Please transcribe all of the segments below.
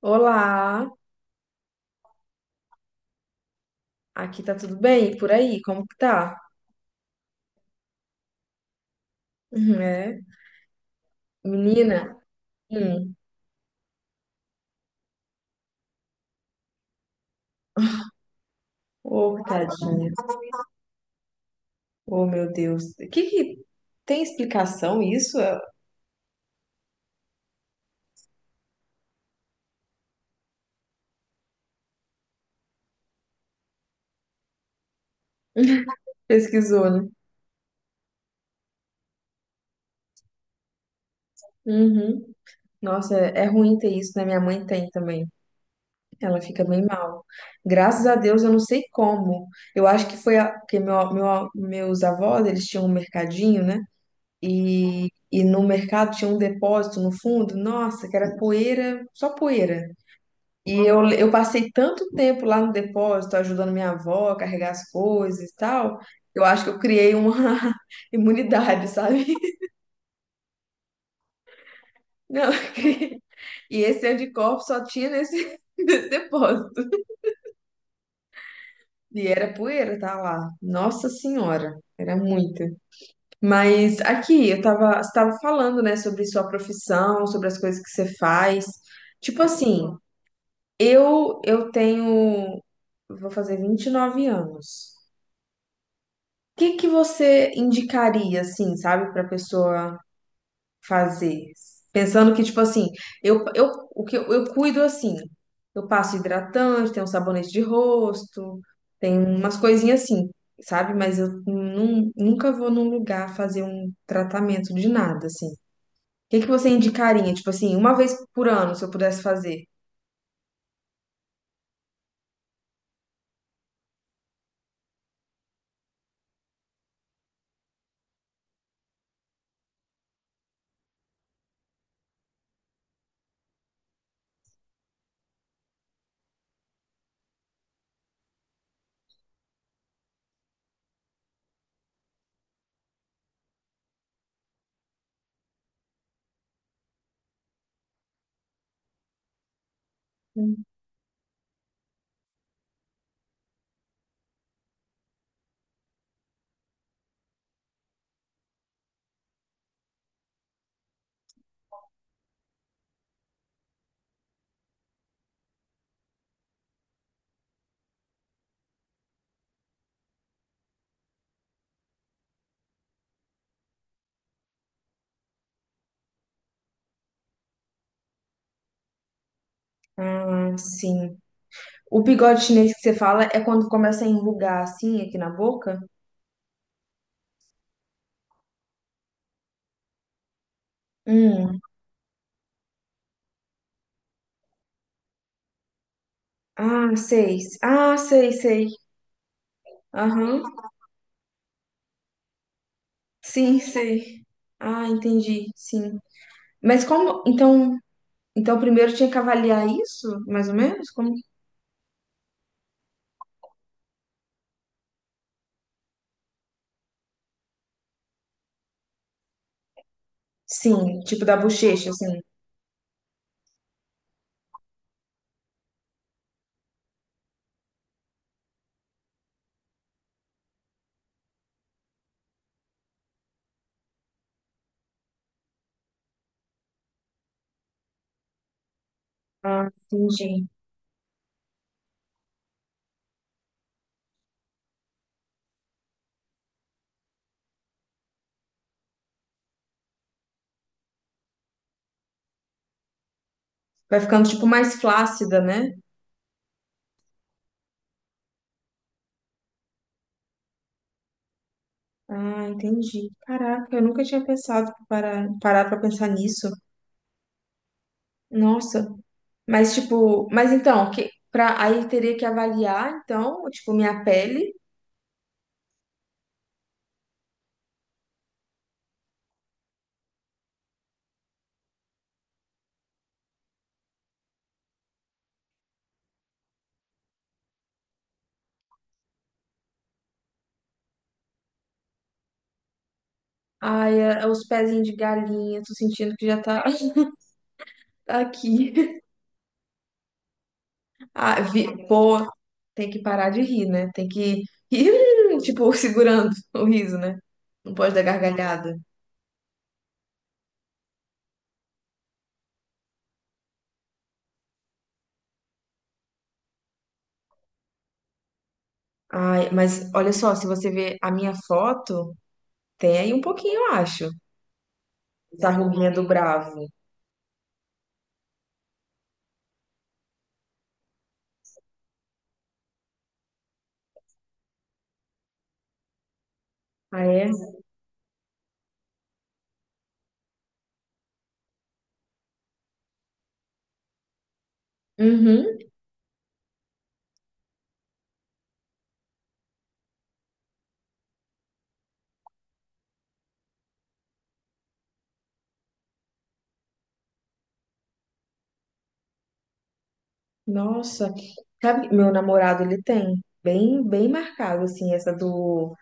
Olá, aqui tá tudo bem? E por aí, como que tá? Uhum, é, menina, hum, ô, tadinha, ô, meu Deus, que tem explicação isso? É. Pesquisou, né? Uhum. Nossa, é, é ruim ter isso, né? Minha mãe tem também, ela fica bem mal. Graças a Deus, eu não sei como. Eu acho que foi a, porque meus avós, eles tinham um mercadinho, né? E no mercado tinha um depósito no fundo, nossa, que era poeira, só poeira. E eu passei tanto tempo lá no depósito ajudando minha avó a carregar as coisas e tal, eu acho que eu criei uma imunidade, sabe? Não, eu criei. E esse anticorpo só tinha nesse, nesse depósito. E era poeira, tá lá. Nossa Senhora, era muita. Mas aqui, eu tava, você tava falando, né, sobre sua profissão, sobre as coisas que você faz. Tipo assim, eu tenho, vou fazer 29 anos. Que você indicaria, assim, sabe, para pessoa fazer? Pensando que, tipo assim, o que eu cuido assim, eu passo hidratante, tenho um sabonete de rosto, tem umas coisinhas assim, sabe? Mas eu nunca vou num lugar fazer um tratamento de nada, assim. O que que você indicaria? Tipo assim, uma vez por ano, se eu pudesse fazer? Ah, sim. O bigode chinês que você fala é quando começa a enrugar assim aqui na boca? Hum. Ah, sei. Ah, sei, sei. Aham. Sim, sei. Ah, entendi. Sim. Mas como. Então primeiro tinha que avaliar isso, mais ou menos? Como? Sim, tipo da bochecha, assim. Ah, entendi. Vai ficando, tipo, mais flácida, né? Ah, entendi. Caraca, eu nunca tinha pensado para parar pra pensar nisso. Nossa. Mas, tipo, mas então, que, pra, aí teria que avaliar, então, tipo, minha pele. Ai, é- é os pezinhos de galinha, tô sentindo que já tá aqui. Ah, pô, tem que parar de rir, né? Tem que rir, tipo, segurando o riso, né? Não pode dar gargalhada. Ai, mas olha só, se você ver a minha foto, tem aí um pouquinho, eu acho, da ruguinha do bravo. Ah, é? Uhum. Nossa. Sabe, meu namorado, ele tem bem, bem marcado, assim, essa do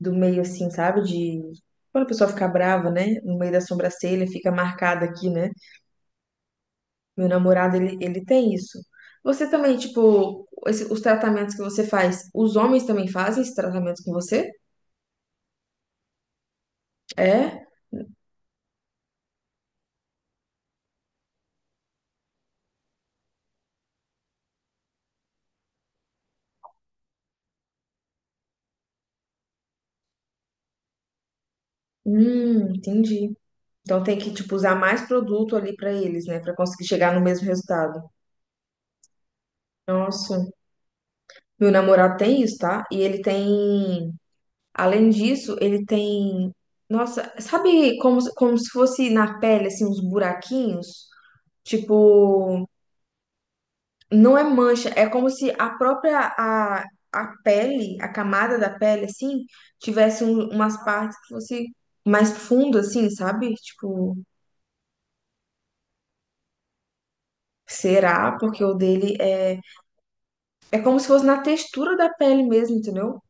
do meio, assim, sabe? De. Quando a pessoa fica brava, né? No meio da sobrancelha, fica marcada aqui, né? Meu namorado, ele tem isso. Você também, tipo, os tratamentos que você faz, os homens também fazem esses tratamentos com você? É? Entendi. Então tem que, tipo, usar mais produto ali pra eles, né? Pra conseguir chegar no mesmo resultado. Nossa, meu namorado tem isso, tá? E ele tem, além disso, ele tem, nossa, sabe como, como se fosse na pele, assim, uns buraquinhos? Tipo, não é mancha, é como se a própria a pele, a camada da pele, assim, tivesse umas partes que fosse mais fundo, assim, sabe? Tipo, será? Porque o dele é. É como se fosse na textura da pele mesmo, entendeu?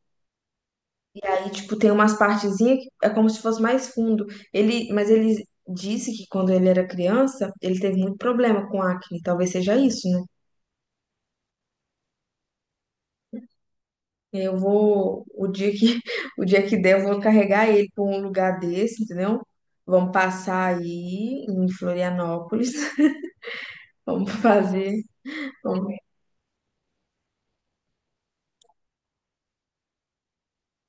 E aí, tipo, tem umas partezinhas que é como se fosse mais fundo. Ele, mas ele disse que quando ele era criança, ele teve muito problema com acne, talvez seja isso, né? Eu vou, o dia que, o dia que der, eu vou carregar ele para um lugar desse, entendeu? Vamos passar aí em Florianópolis. Vamos fazer. vamos-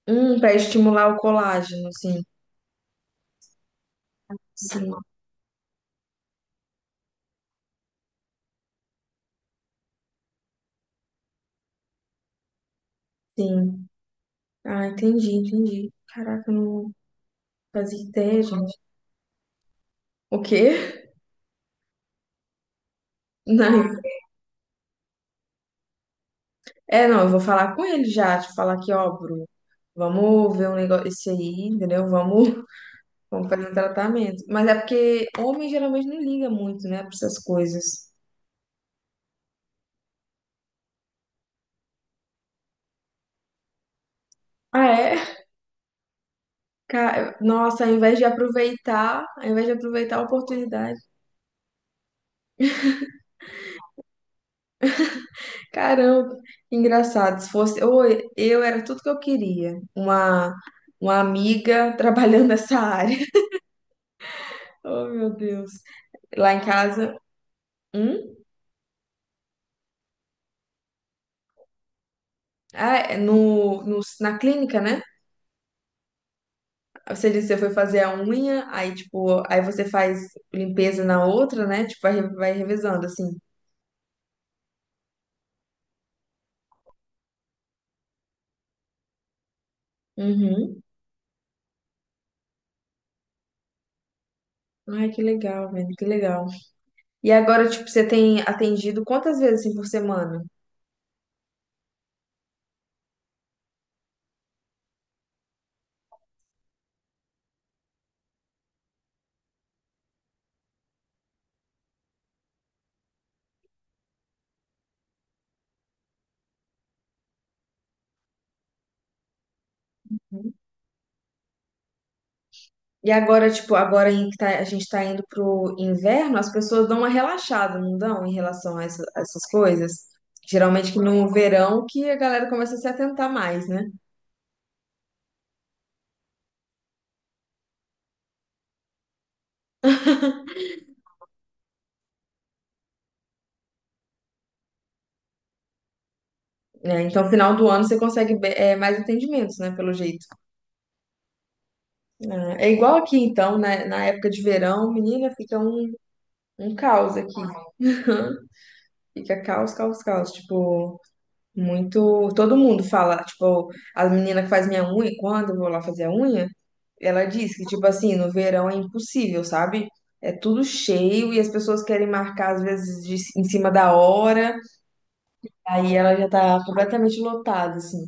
Para estimular o colágeno, sim. Sim, sim. Ah, entendi, entendi. Caraca, eu não fazia ideia, gente. O quê? Não. É, não, eu vou falar com ele já, te falar que, ó, Bruno, vamos ver um negócio esse aí, entendeu? Vamos, vamos fazer um tratamento. Mas é porque homem geralmente não liga muito, né, para essas coisas. Ah, é? Nossa, ao invés de aproveitar, ao invés de aproveitar a oportunidade. Caramba, engraçado. Se fosse, ou eu era tudo que eu queria. Uma amiga trabalhando nessa área. Oh, meu Deus. Lá em casa, hum? Ah, é no, no, na clínica, né? Você disse que você foi fazer a unha, aí tipo, aí você faz limpeza na outra, né? Tipo, vai, vai revezando assim. Uhum. Ai, que legal, velho, que legal. E agora, tipo, você tem atendido quantas vezes assim, por semana? E agora, tipo, agora em que a gente tá indo pro inverno, as pessoas dão uma relaxada, não dão, em relação a, essas coisas? Geralmente que no verão que a galera começa a se atentar mais, né? É, então, final do ano você consegue mais atendimentos, né? Pelo jeito. É, é igual aqui, então, né? Na época de verão, menina, fica um caos aqui. Fica caos, caos, caos. Tipo, muito. Todo mundo fala, tipo, a menina que faz minha unha, quando eu vou lá fazer a unha. Ela diz que, tipo assim, no verão é impossível, sabe? É tudo cheio e as pessoas querem marcar, às vezes, em cima da hora, aí ela já tá completamente lotada, assim.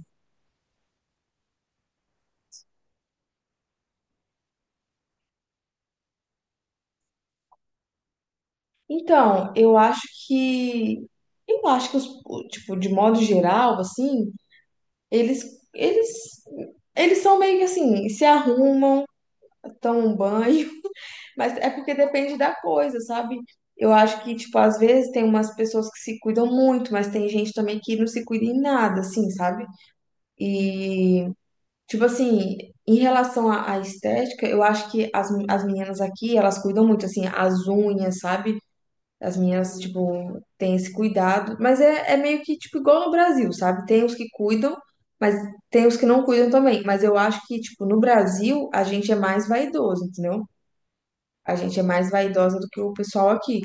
Então, eu acho que. Eu acho que, os, tipo, de modo geral, assim, eles, eles, eles são meio que assim, se arrumam, tomam um banho, mas é porque depende da coisa, sabe? Eu acho que, tipo, às vezes tem umas pessoas que se cuidam muito, mas tem gente também que não se cuida em nada, assim, sabe? E, tipo assim, em relação à estética, eu acho que as meninas aqui, elas cuidam muito, assim, as unhas, sabe? As meninas, tipo, têm esse cuidado. Mas é, é meio que, tipo, igual no Brasil, sabe? Tem os que cuidam, mas tem os que não cuidam também. Mas eu acho que, tipo, no Brasil, a gente é mais vaidoso, entendeu? A gente é mais vaidosa do que o pessoal aqui.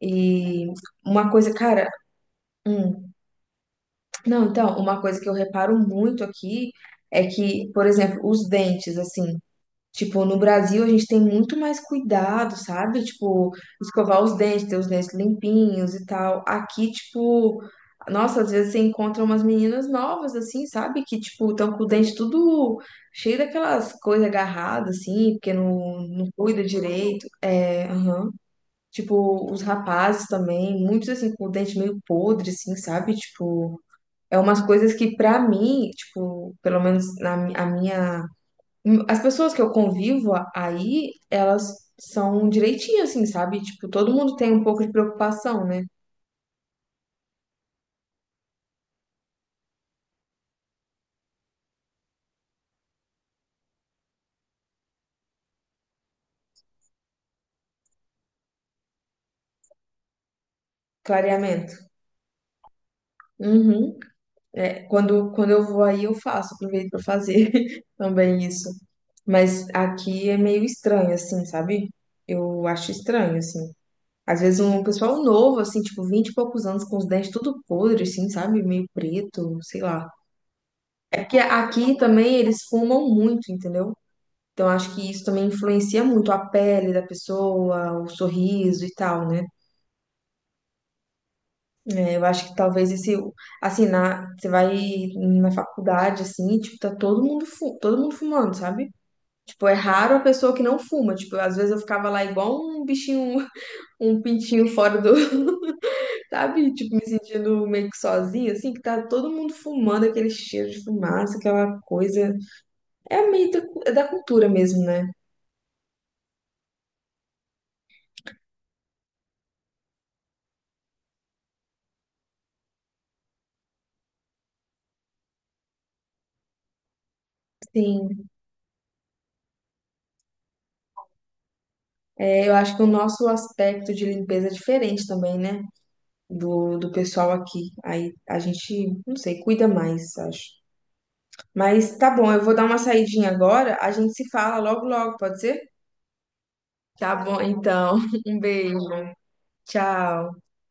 E uma coisa, cara, hum, não, então, uma coisa que eu reparo muito aqui é que, por exemplo, os dentes, assim. Tipo, no Brasil a gente tem muito mais cuidado, sabe? Tipo, escovar os dentes, ter os dentes limpinhos e tal. Aqui, tipo, nossa, às vezes você encontra umas meninas novas, assim, sabe? Que, tipo, estão com o dente tudo cheio daquelas coisas agarradas, assim, porque não, não cuida direito. É, aham. Tipo, os rapazes também, muitos, assim, com o dente meio podre, assim, sabe? Tipo, é umas coisas que, pra mim, tipo, pelo menos na a minha as pessoas que eu convivo aí, elas são direitinho, assim, sabe? Tipo, todo mundo tem um pouco de preocupação, né? Clareamento. Uhum. É, quando, quando eu vou aí, eu faço, aproveito pra fazer também isso. Mas aqui é meio estranho, assim, sabe? Eu acho estranho, assim. Às vezes um pessoal novo, assim, tipo, vinte e poucos anos, com os dentes tudo podre, assim, sabe? Meio preto, sei lá. É porque aqui também eles fumam muito, entendeu? Então, acho que isso também influencia muito a pele da pessoa, o sorriso e tal, né? É, eu acho que talvez esse, assim, na, você vai na faculdade, assim, tipo, tá todo mundo, todo mundo fumando, sabe? Tipo, é raro a pessoa que não fuma. Tipo, às vezes eu ficava lá igual um bichinho, um pintinho fora do, sabe? Tipo, me sentindo meio que sozinha, assim, que tá todo mundo fumando, aquele cheiro de fumaça, aquela coisa. É meio da, é da cultura mesmo, né? Sim. É, eu acho que o nosso aspecto de limpeza é diferente também, né? Do, do pessoal aqui. Aí a gente, não sei, cuida mais, acho. Mas tá bom, eu vou dar uma saidinha agora. A gente se fala logo, logo, pode ser? Tá bom, então. Um beijo. Tchau.